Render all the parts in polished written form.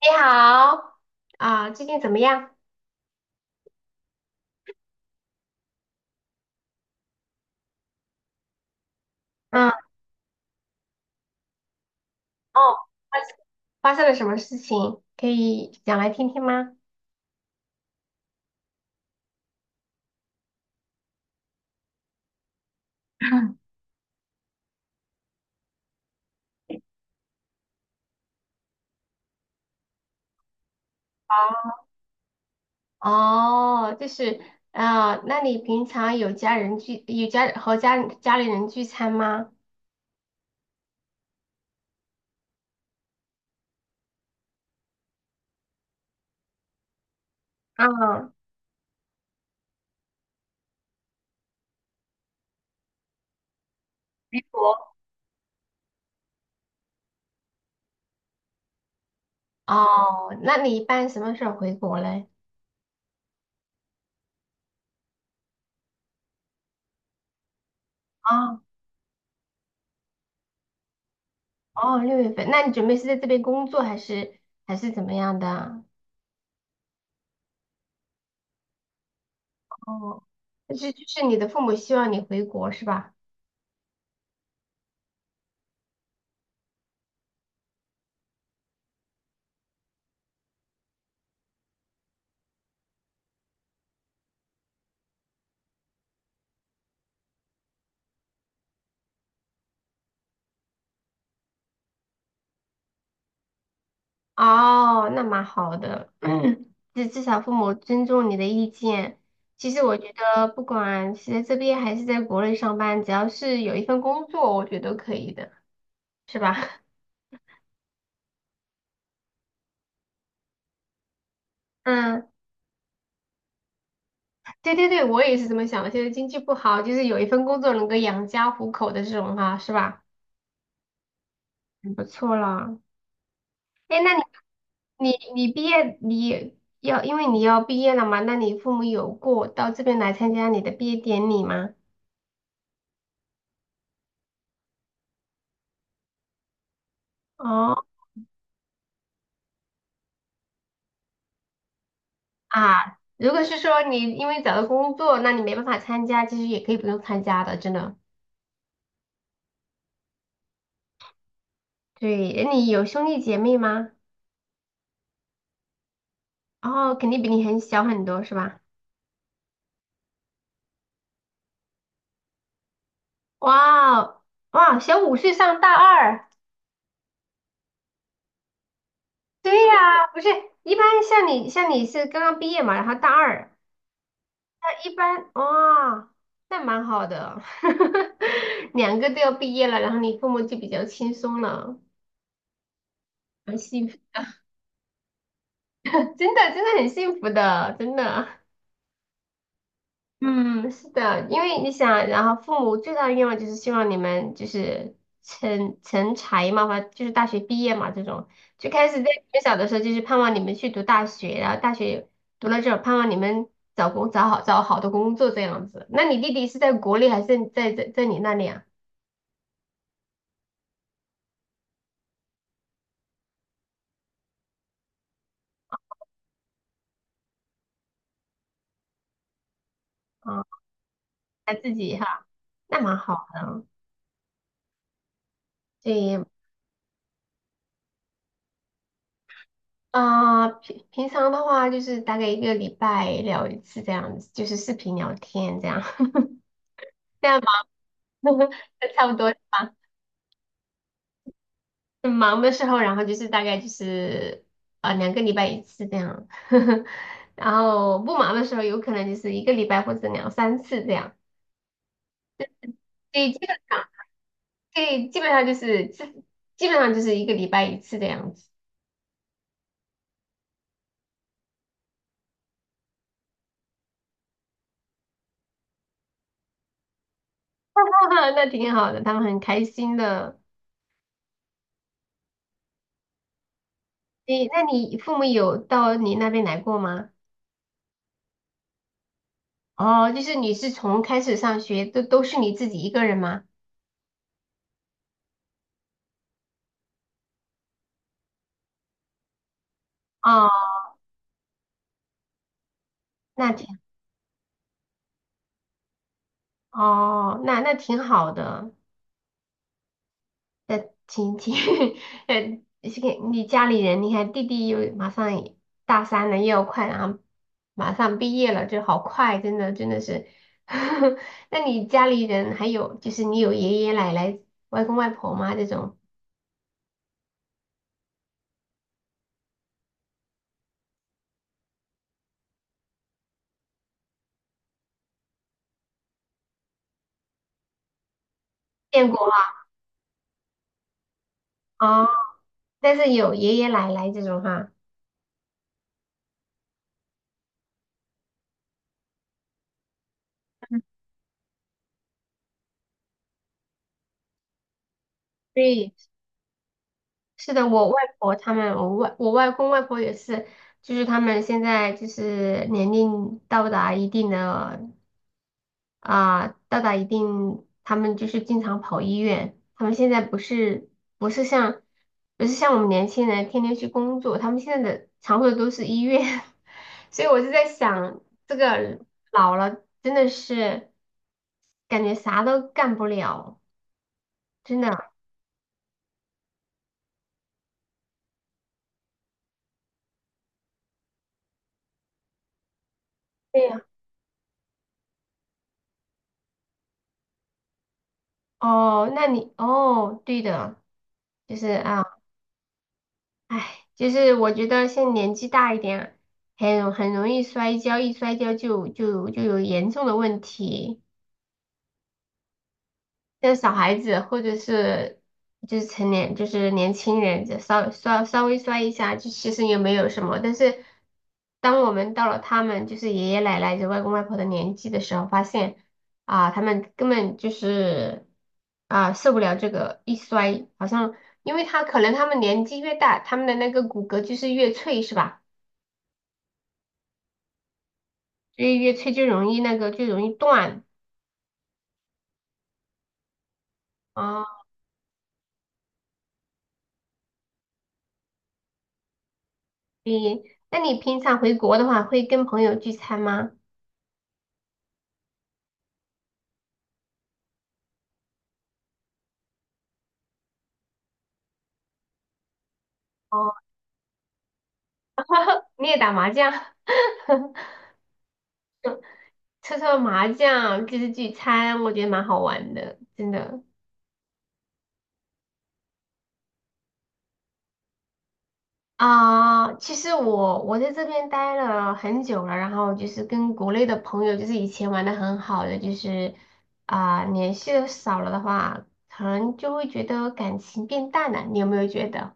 你好，啊，最近怎么样？嗯，哦，发生发生了什么事情？可以讲来听听吗？哦，就是，啊，那你平常有家人聚，有家和家家里人聚餐吗？嗯，回国。哦，那你一般什么时候回国嘞？哦，哦，6月份，那你准备是在这边工作还是怎么样的？哦，就是你的父母希望你回国是吧？哦，那蛮好的，至少父母尊重你的意见。其实我觉得，不管是在这边还是在国内上班，只要是有一份工作，我觉得都可以的，是吧？嗯，对对对，我也是这么想的。现在经济不好，就是有一份工作能够养家糊口的这种哈，是吧？很不错了。哎，那你你你毕业你要，因为你要毕业了嘛，那你父母有过到这边来参加你的毕业典礼吗？哦。啊，如果是说你因为找到工作，那你没办法参加，其实也可以不用参加的，真的。对，诶你有兄弟姐妹吗？哦，肯定比你很小很多，是吧？哇哦，哇，小5岁上大二，对呀，不是，一般像你是刚刚毕业嘛，然后大二，那一般哇，那蛮好的，两个都要毕业了，然后你父母就比较轻松了，很幸福，真的真的很幸福的，真的。嗯，是的，因为你想，然后父母最大的愿望就是希望你们就是成才嘛，或就是大学毕业嘛，这种最开始在你们小的时候就是盼望你们去读大学，然后大学读了之后盼望你们找好的工作这样子。那你弟弟是在国内还是在你那里啊？啊，他自己哈，那蛮好的啊。对，啊、平常的话就是大概一个礼拜聊一次这样子，就是视频聊天这样，这样吧，差不多。很忙的时候，然后就是大概就是2个礼拜一次这样，然后不忙的时候，有可能就是一个礼拜或者两三次这样。所以基本上，对，基本上就是一个礼拜一次这样子。那挺好的，他们很开心的。那你父母有到你那边来过吗？哦，就是你是从开始上学都是你自己一个人吗？哦，那挺哦，那挺好的。的亲戚，呃，是给你家里人，你看弟弟又马上也大三了，又要快，然后马上毕业了，就好快，真的真的是。那你家里人还有就是你有爷爷奶奶、外公外婆吗？这种见过啊，哦但是有爷爷奶奶这种哈。对，是的，我外婆他们，我外公外婆也是，就是他们现在就是年龄到达一定的。啊，到达一定，他们就是经常跑医院。他们现在不是像不是像我们年轻人天天去工作，他们现在的常规都是医院。所以我就在想，这个老了真的是感觉啥都干不了，真的。对呀。哦，那你哦，对的，就是啊。唉，就是我觉得现在年纪大一点，很容易摔跤，一摔跤就有严重的问题。像小孩子或者是就是成年就是年轻人，就稍微摔一下，就其实也没有什么。但是当我们到了他们就是爷爷奶奶、就外公外婆的年纪的时候，发现啊，他们根本就是啊受不了这个一摔，好像因为他可能他们年纪越大，他们的那个骨骼就是越脆，是吧？越吹就容易那个就容易断啊。你那你平常回国的话，会跟朋友聚餐吗？哦，你也打麻将，搓搓麻将就是聚餐，我觉得蛮好玩的，真的。啊、其实我在这边待了很久了，然后就是跟国内的朋友，就是以前玩的很好的，就是啊、联系的少了的话，可能就会觉得感情变淡了。你有没有觉得？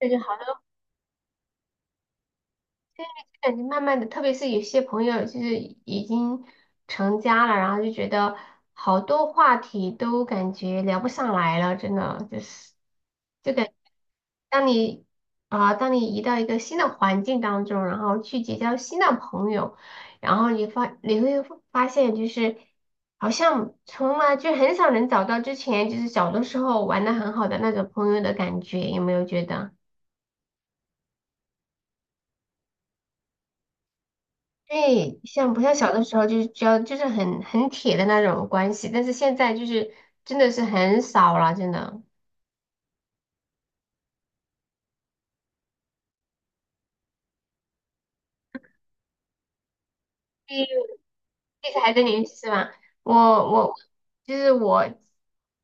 这就好。感觉慢慢的，特别是有些朋友就是已经成家了，然后就觉得好多话题都感觉聊不上来了，真的就是就感当你当你移到一个新的环境当中，然后去结交新的朋友，然后你会发现就是好像从来就很少能找到之前就是小的时候玩的很好的那种朋友的感觉，有没有觉得？对，像不像小的时候就是只要就是很铁的那种关系，但是现在就是真的是很少了，真的。对这次还在联系是吧？我我就是我，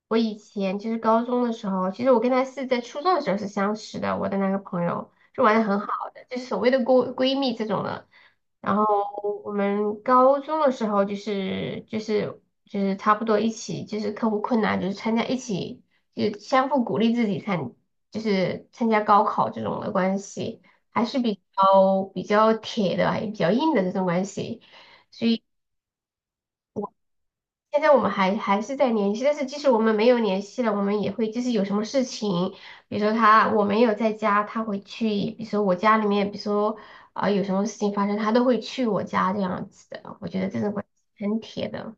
我以前就是高中的时候，其实我跟她是在初中的时候是相识的，我的那个朋友就玩的很好的，就是所谓的闺蜜这种的。然后我们高中的时候就是差不多一起就是克服困难，就是参加一起就是相互鼓励自己参就是参加高考这种的关系，还是比较铁的，也比较硬的这种关系。现在我们还是在联系，但是即使我们没有联系了，我们也会就是有什么事情，比如说他我没有在家，他会去，比如说我家里面，比如说啊、有什么事情发生，他都会去我家这样子的。我觉得这种关系很铁的，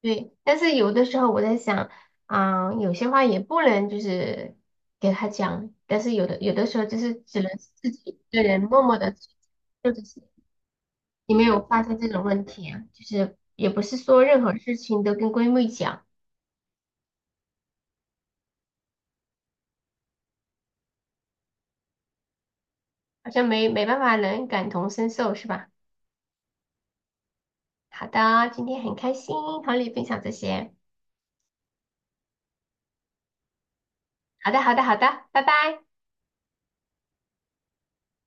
对。但是有的时候我在想，啊、有些话也不能就是给他讲，但是有的时候就是只能自己一个人默默的做这些，或者是你没有发现这种问题啊，就是也不是说任何事情都跟闺蜜讲。好像没办法能感同身受是吧？好的，今天很开心和你分享这些。好的，好的，好的，拜拜。